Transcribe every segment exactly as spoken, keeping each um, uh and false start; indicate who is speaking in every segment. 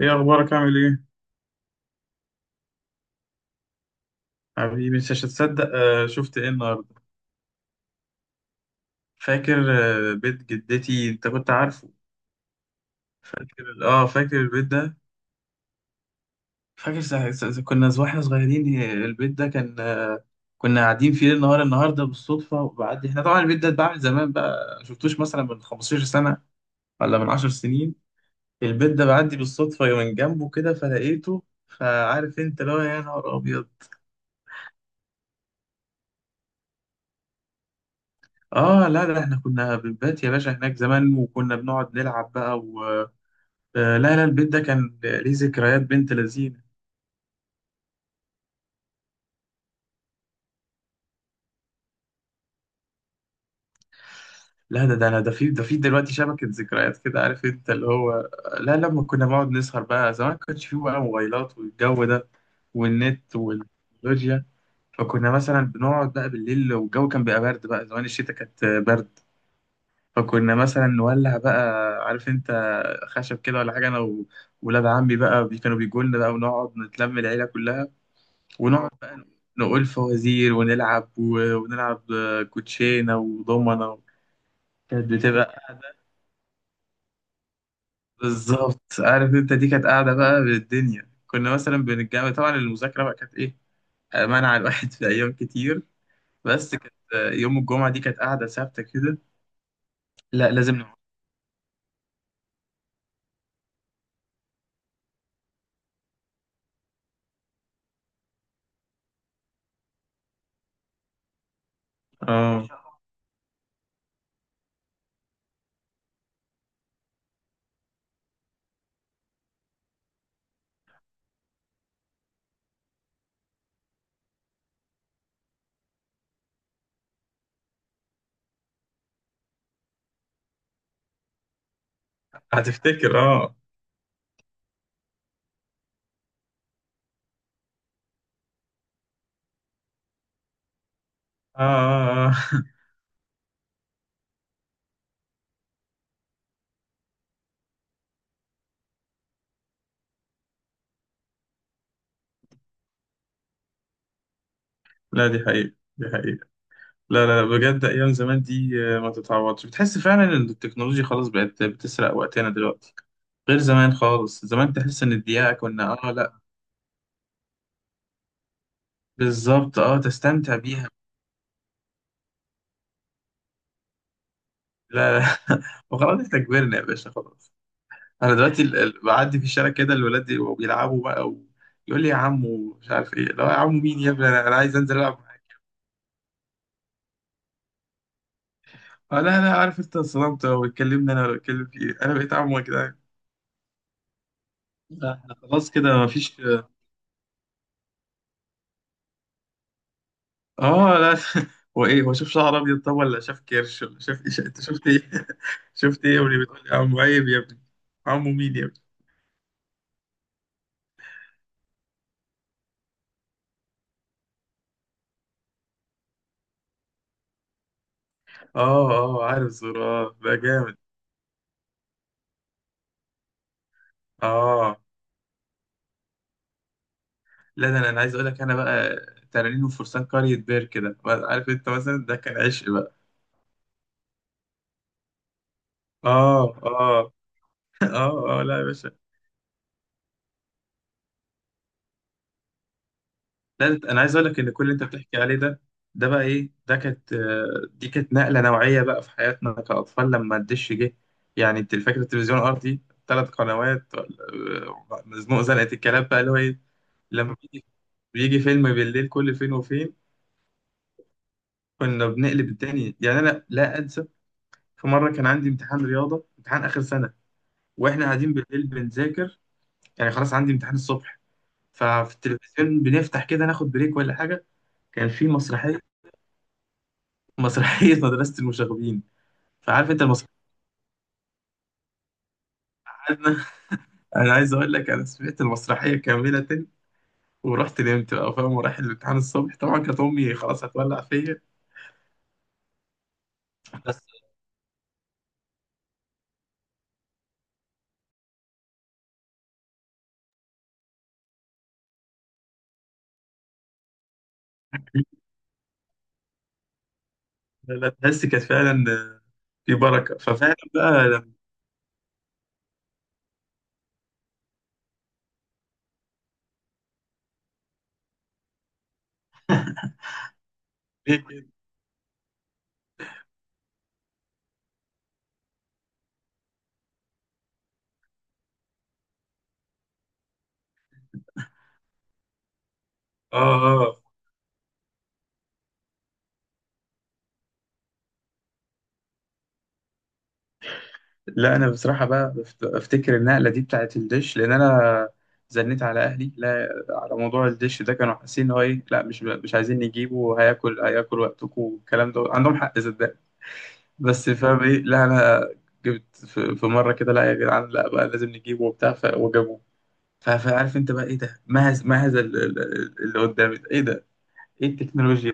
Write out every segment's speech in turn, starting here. Speaker 1: ايه اخبارك؟ عامل ايه؟ حبيبي مش هتصدق، آه شفت ايه النهارده؟ فاكر آه بيت جدتي؟ انت كنت عارفه. فاكر؟ اه فاكر البيت ده. فاكر سا... سا... سا- كنا ز- واحنا صغيرين، آه، البيت ده كان، آه، كنا قاعدين فيه النهار النهارده بالصدفه، وبعدي احنا طبعا البيت ده اتباع من زمان بقى، ما شفتوش مثلا من خمسة عشر سنة سنه ولا من 10 سنين. البيت ده بعدي بالصدفه من جنبه كده فلقيته. فعارف انت اللي هو يا نهار ابيض. اه، لا لا احنا كنا بنبات يا باشا هناك زمان، وكنا بنقعد نلعب بقى. آه، لا لا البيت ده كان ليه ذكريات بنت لذينه. لا، ده ده انا ده في ده في دلوقتي شبكه ذكريات كده، عارف انت اللي هو. لا، لما كنا بنقعد نسهر بقى زمان، ما كانش فيه بقى موبايلات والجو ده، والنت والتكنولوجيا. فكنا مثلا بنقعد بقى بالليل، والجو كان بيبقى برد بقى، زمان الشتاء كانت برد. فكنا مثلا نولع بقى، عارف انت، خشب كده ولا حاجه، انا و- وولاد عمي بقى، بي- كانوا بيجوا لنا بقى، ونقعد نتلم العيله كلها. ونقعد بقى نقول فوازير، ونلعب و- ونلعب كوتشينة وضمنة. كانت بتبقى قاعدة. بالظبط، عارف انت، دي كانت قاعدة بقى بالدنيا. كنا مثلا بنتجمع. طبعا المذاكرة بقى كانت ايه، منع الواحد في أيام كتير، بس كانت يوم الجمعة دي كانت قاعدة ثابتة كده. لا لازم نقعد. اه، هتفتكر. اه. اه, آه. آه. لا دي حقيقة، دي حقيقة. لا لا لا، بجد أيام زمان دي، آه، ما تتعوضش. بتحس فعلا إن التكنولوجيا خلاص بقت بتسرق وقتنا دلوقتي، غير زمان خالص. زمان تحس ان الدقيقة كنا اه لا. بالظبط، اه، تستمتع بيها. لا لا وخلاص احنا كبرنا يا باشا، خلاص. انا دلوقتي ال- ال- بعدي في الشارع كده، الولاد يبقوا بيلعبوا بقى، ويقول لي يا عمو مش عارف ايه. لا يا عمو مين يا ابني، انا أنا عايز انزل العب معاك. آه، لا لا عارف انت، انصدمت. هو اتكلمنا انا ولا اتكلم فيه؟ انا بقيت عمو يا جدعان؟ لا، احنا خلاص كده مفيش. اه لا هو ايه، هو شاف شعر ابيض؟ طب ولا شاف كرش؟ ولا شاف ايه؟ انت شفت ايه؟ شفت ايه يا ابني بتقول لي يا عمو؟ عيب يا ابني، عمو مين يا ابني؟ اه اه، عارف زرار ده جامد. اه، لا ده انا أنا عايز اقول لك انا بقى، تنانين وفرسان قرية بير كده، عارف انت، مثلا ده كان عشق بقى. اه اه اه اه، لا يا باشا. لا ده انا عايز اقول لك ان كل اللي انت بتحكي عليه ده، ده بقى ايه، ده كانت، آه، دي كانت نقلة نوعية بقى في حياتنا كأطفال، لما الدش جه. يعني انت فاكر التلفزيون الارضي؟ ثلاث قنوات ولا- آه، مزنوق زنقة الكلاب بقى، اللي هو ايه، لما بيجي بيجي فيلم بالليل كل فين وفين، كنا بنقلب الدنيا. يعني انا لا انسى، في مره كان عندي امتحان رياضه، امتحان اخر سنه، واحنا قاعدين بالليل بنذاكر. يعني خلاص عندي امتحان الصبح، ففي التلفزيون بنفتح كده ناخد بريك ولا حاجه، كان في مسرحيه، مسرحيه مدرسه المشاغبين. فعارف انت المسرحيه عندنا، انا عايز اقول لك انا سمعت المسرحيه كامله، ورحت نمت بقى فاهم، ورايح الامتحان الصبح، طبعا كانت امي خلاص هتولع فيا. بس لا لا، تحس كانت فعلا في بركه. ففعلا بقى لما ليه كده؟ اه آه. لا انا بصراحه بقى بفت- افتكر النقله دي بتاعت الدش، لان انا زنيت على اهلي لا على موضوع الدش ده. كانوا حاسين ان هو ايه، لا مش مش عايزين نجيبه، وهياكل هياكل وقتكم والكلام ده، عندهم حق صدق، بس فاهم ايه، لا انا جبت في في مره كده لا يا جدعان لا، بقى لازم نجيبه وبتاع، ف- وجابوه. ف- فعارف انت بقى ايه ده؟ مهز مهز ال- ال- ال- اللي قدامي ده. ايه ده؟ ايه التكنولوجيا؟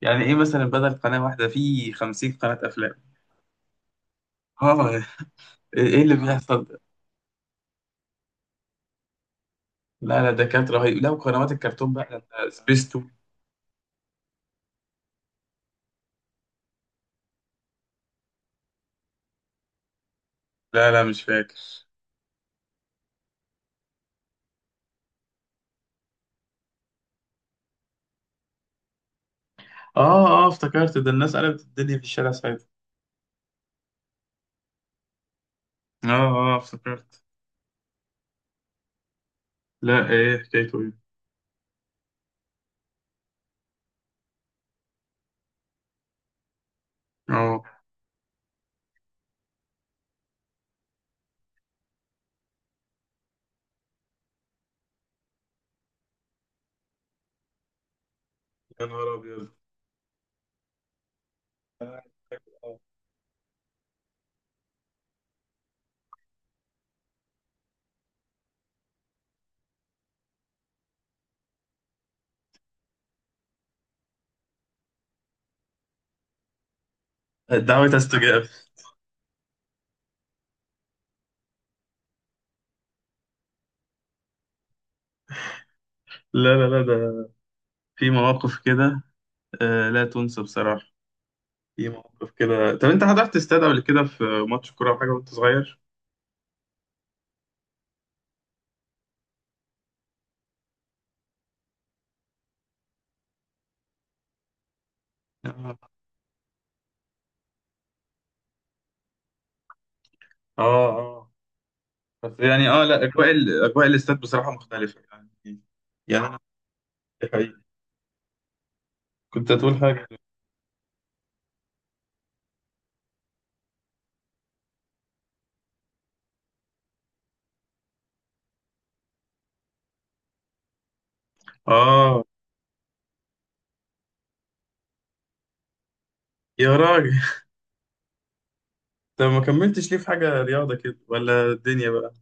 Speaker 1: يعني ايه مثلا بدل قناه واحده في خمسين قناة قناه افلام؟ اه، ايه اللي بيحصل. لا لا ده كانت رهيب. لا وقنوات الكرتون بقى، لا، سبيستو. لا لا مش فاكر. اه اه افتكرت، ده الناس قلبت الدنيا في الشارع ساعتها. اه اه افتكرت. لا ايه حكايته، ايه؟ اه، يا نهار ابيض. آه، دعوة استجابة. لا لا لا ده في مواقف كده، آه لا تنسى بصراحة. في مواقف كده. طب انت حضرت استاد قبل كده في ماتش كورة او حاجة وانت صغير؟ اه اه آه. بس يعني اه لا، اجواء ال- اجواء الاستاد بصراحة مختلفة يعني. يعني أنا- كنت هتقول حاجة؟ آه، يا راجل، طب ما كملتش ليه في حاجة رياضة كده ولا الدنيا بقى؟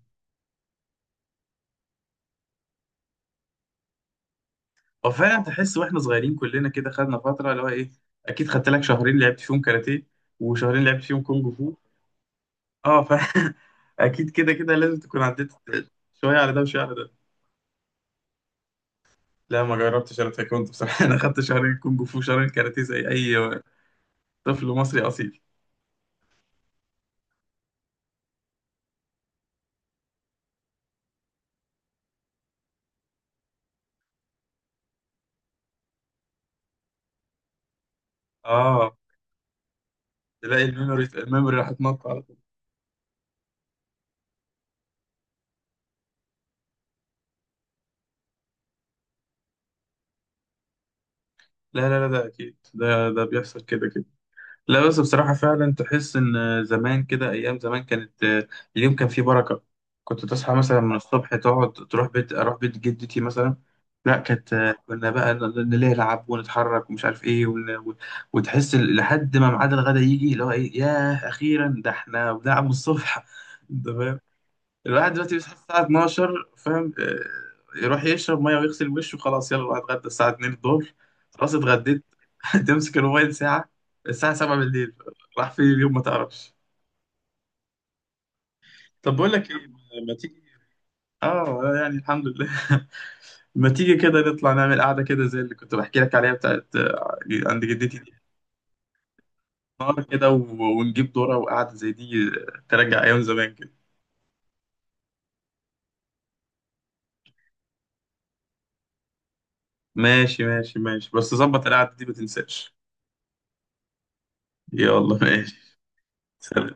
Speaker 1: هو فعلا تحس واحنا صغيرين كلنا كده خدنا فترة اللي هو إيه. أكيد خدت لك شهرين لعبت فيهم كاراتيه، وشهرين لعبت فيهم كونج فو. آه، ف أكيد كده كده لازم تكون عديت شوية على ده وشوية على ده. لا ما جربتش أنا تايكوندو بصراحة. أنا خدت شهرين كونج فو، شهرين كاراتيه، زي أي طفل مصري أصيل. آه، تلاقي الميموري الميموري راح تنط على طول. لا لا لا ده أكيد، ده ده بيحصل كده كده. لا بس بصراحة فعلا تحس إن زمان كده، أيام زمان كانت، آه، اليوم كان فيه بركة. كنت تصحى مثلا من الصبح، تقعد تروح بيت، أروح بيت جدتي مثلا. لا كانت، آه، كنا بقى ن- ن- نلعب ونتحرك ومش عارف إيه ون... و- وتحس ال- لحد ما ميعاد الغدا يجي، اللي هو إيه، ياه أخيرا، ده إحنا بنلعب من الصبح. الواحد دلوقتي بيصحى الساعة اثنا عشر فاهم، آه، يروح يشرب مية ويغسل وشه، خلاص يلا بقى اتغدى الساعة اتنين الظهر. خلاص اتغديت. تمسك الموبايل ساعة، الساعة سابعة بالليل. راح فين اليوم ما تعرفش. طب بقول لك ايه، ما تيجي. اه يعني الحمد لله. ما تيجي كده نطلع نعمل قعدة كده، زي اللي كنت بحكي لك عليها بتاعت، آه، عند جدتي دي. نار كده و- ونجيب دورة وقعدة زي دي، آه، ترجع أيام زمان كده. ماشي ماشي ماشي، بس ظبط القعدة دي ما تنساش. يلا ماشي، سلام.